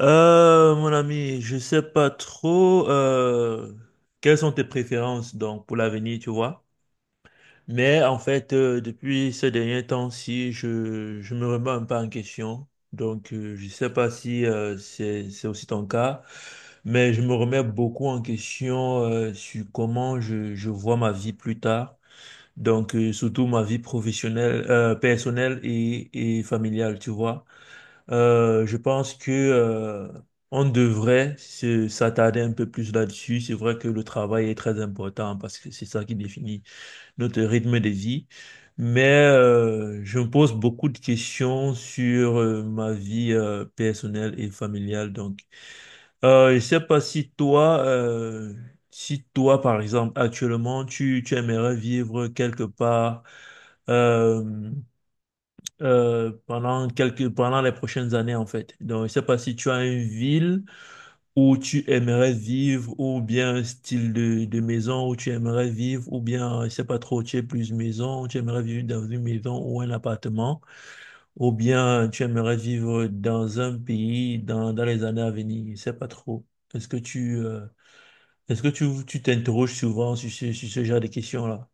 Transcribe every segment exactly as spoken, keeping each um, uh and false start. Euh, mon ami, je sais pas trop euh, quelles sont tes préférences donc pour l'avenir, tu vois. Mais en fait, euh, depuis ces derniers temps-ci, je, je me remets un peu en question. Donc, euh, je sais pas si euh, c'est c'est aussi ton cas, mais je me remets beaucoup en question euh, sur comment je, je vois ma vie plus tard. Donc, euh, surtout ma vie professionnelle, euh, personnelle et, et familiale, tu vois. Euh, je pense que euh, on devrait se- s'attarder un peu plus là-dessus. C'est vrai que le travail est très important parce que c'est ça qui définit notre rythme de vie. Mais euh, je me pose beaucoup de questions sur euh, ma vie euh, personnelle et familiale. Donc, euh, je sais pas si toi, euh, si toi, par exemple, actuellement, tu, tu aimerais vivre quelque part. Euh, euh, pendant quelques, Pendant les prochaines années, en fait. Donc, je ne sais pas si tu as une ville où tu aimerais vivre, ou bien un style de, de maison où tu aimerais vivre, ou bien, euh, je ne sais pas trop, tu es plus maison, tu aimerais vivre dans une maison ou un appartement, ou bien euh, tu aimerais vivre dans un pays dans, dans les années à venir. Je ne sais pas trop. Est-ce que tu, euh, Est-ce que tu, tu t'interroges souvent sur ce, sur ce genre de questions-là?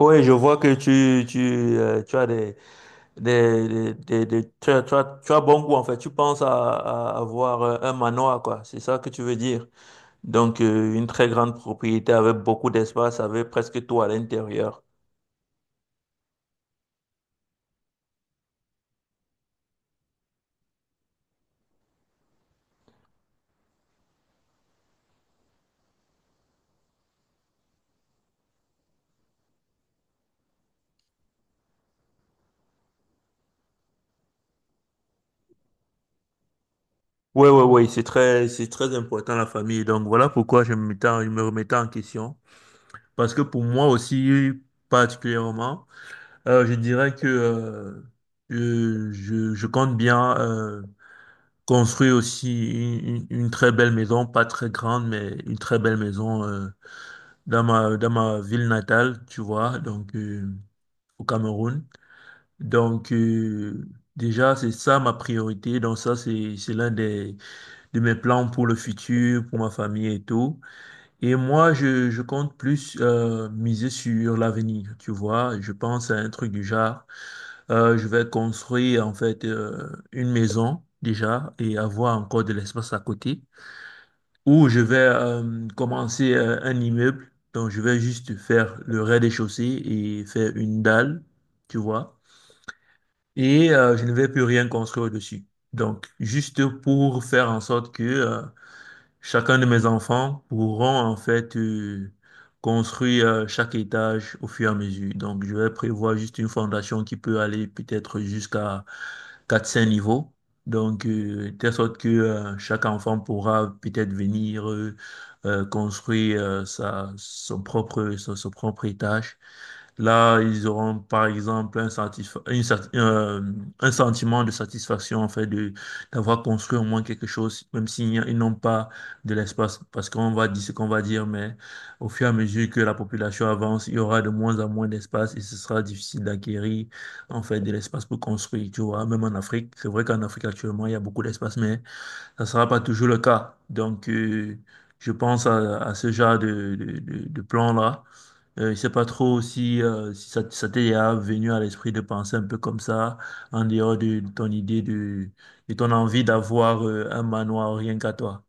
Oui, je vois que tu, tu, euh, tu as des, des, des, des- des- tu as, tu as- tu as bon goût en fait. Tu penses à, à avoir euh, un manoir, quoi. C'est ça que tu veux dire. Donc, euh, une très grande propriété avec beaucoup d'espace, avec presque tout à l'intérieur. Oui, oui, oui, c'est très, c'est très important la famille. Donc, voilà pourquoi je me mettais, en- je me remettais en question. Parce que pour moi aussi, particulièrement, euh, je dirais que euh, je, je, je compte bien euh, construit aussi une, une- une très belle maison, pas très grande, mais une très belle maison euh, dans ma, dans ma ville natale, tu vois, donc euh, au Cameroun. Donc euh, déjà, c'est ça ma priorité. Donc ça, c'est, c'est l'un des, de mes plans pour le futur, pour ma famille et tout. Et moi, je, je compte plus euh, miser sur l'avenir, tu vois. Je pense à un truc du genre. Euh, je vais construire en fait euh, une maison déjà et avoir encore de l'espace à côté. Ou je vais euh, commencer euh, un immeuble. Donc, je vais juste faire le rez-de-chaussée et faire une dalle, tu vois. Et euh, je ne vais plus rien construire dessus. Donc, juste pour faire en sorte que euh, chacun de mes enfants pourront en fait euh, construire euh, chaque étage au fur et à mesure. Donc, je vais prévoir juste une fondation qui peut aller peut-être jusqu'à quatre cinq niveaux. Donc, euh, de telle sorte que euh, chaque enfant pourra peut-être venir euh, euh, construire euh, sa, son propre, son, son propre étage. Là, ils auront par exemple un, satisfa- une sat- euh, un sentiment de satisfaction en fait de d'avoir construit au moins quelque chose, même s'ils n'y- ils n'ont pas de l'espace parce qu'on va dire ce qu'on va dire, mais au fur et à mesure que la population avance, il y aura de moins en moins d'espace et ce sera difficile d'acquérir en fait de l'espace pour construire, tu vois, même en Afrique. C'est vrai qu'en Afrique actuellement, il y a beaucoup d'espace, mais ça ne sera pas toujours le cas. Donc, euh, je pense à, à ce genre de, de, de, de plan-là. Euh, je ne sais pas trop si, euh, si ça, ça t'est déjà venu à l'esprit de penser un peu comme ça, en dehors de ton idée de, de ton envie d'avoir euh, un manoir rien qu'à toi.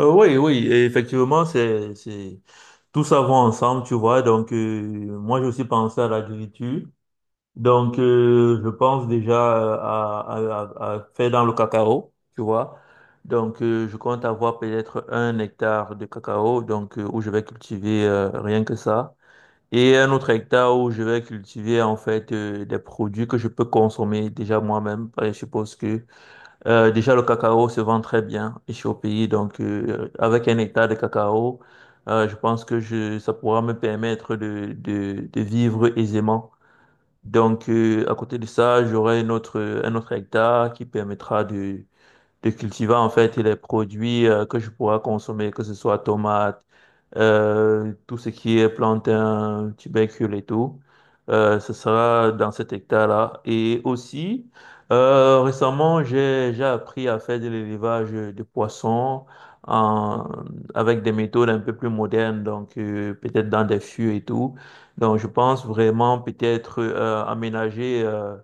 Euh, oui, oui, et effectivement, c'est, c'est tout ça va ensemble, tu vois. Donc, euh, moi, j'ai aussi pensé à l'agriculture. Donc, euh, je pense déjà euh, à, à, à à faire dans le cacao, tu vois. Donc, euh, je compte avoir peut-être un hectare de cacao, donc, euh, où je vais cultiver euh, rien que ça. Et un autre hectare où je vais cultiver, en fait, euh, des produits que je peux consommer déjà moi-même. Je suppose que euh, déjà, le cacao se vend très bien ici au pays. Donc, euh, avec un hectare de cacao, euh, je pense que je, ça pourra me permettre de, de, de vivre aisément. Donc, euh, à côté de ça, j'aurai un autre, un autre hectare qui permettra de, de cultiver en fait les produits euh, que je pourrais consommer, que ce soit tomates, euh, tout ce qui est plantain, tubercule et tout. Euh, ce sera dans cet hectare-là. Et aussi, euh, récemment, j'ai, j'ai appris à faire de l'élevage de poissons en, avec des méthodes un peu plus modernes, donc euh, peut-être dans des fûts et tout. Donc, je pense vraiment peut-être euh, aménager euh,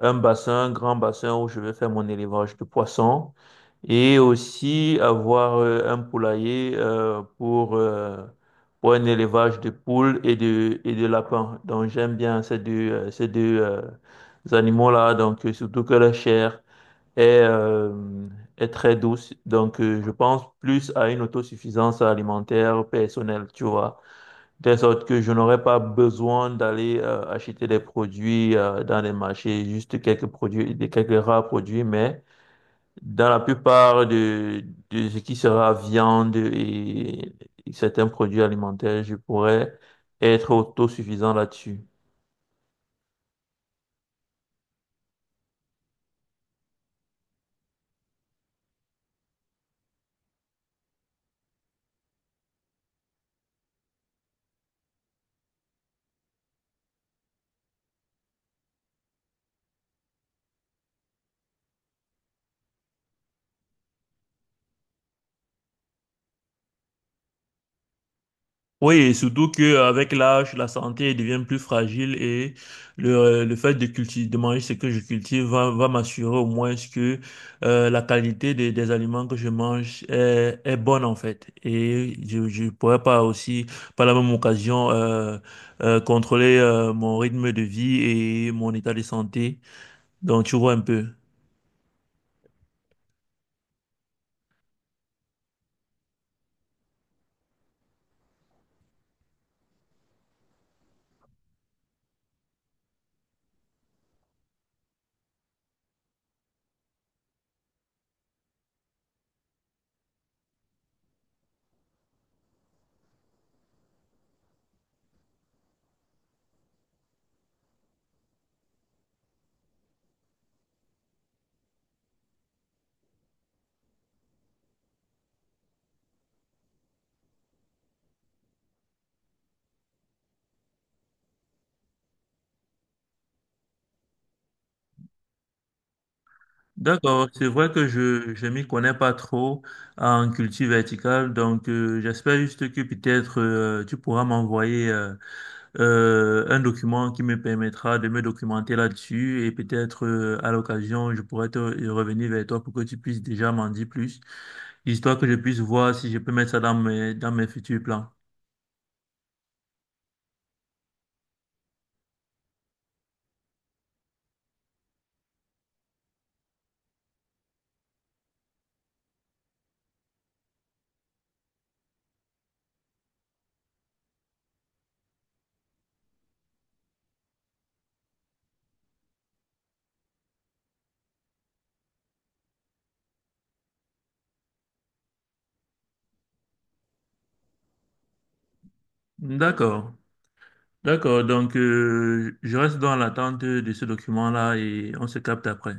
un bassin, un grand bassin où je vais faire mon élevage de poissons et aussi avoir euh, un poulailler euh, pour, euh, pour un élevage de poules et de, et de lapins. Donc j'aime bien ces deux, euh, ces deux euh, animaux-là, donc euh, surtout que la chair est, euh, est très douce. Donc euh, je pense plus à une autosuffisance alimentaire personnelle, tu vois. De sorte que je n'aurais pas besoin d'aller euh, acheter des produits euh, dans les marchés, juste quelques produits, des quelques rares produits, mais dans la plupart de, de ce qui sera viande et, et certains produits alimentaires, je pourrais être autosuffisant là-dessus. Oui, et surtout que avec l'âge, la santé devient plus fragile et le, le fait de cultiver, de manger ce que je cultive va, va m'assurer au moins que euh, la qualité des, des aliments que je mange est, est bonne en fait. Et je je pourrais pas aussi, par la même occasion, euh, euh, contrôler euh, mon rythme de vie et mon état de santé. Donc, tu vois un peu. D'accord, c'est vrai que je je m'y connais pas trop en culture verticale, donc euh, j'espère juste que peut-être euh, tu pourras m'envoyer euh, euh, un document qui me permettra de me documenter là-dessus et peut-être euh, à l'occasion je pourrais te revenir vers toi pour que tu puisses déjà m'en dire plus, histoire que je puisse voir si je peux mettre ça dans mes dans mes futurs plans. D'accord, d'accord, donc euh, je reste dans l'attente de ce document-là et on se capte après.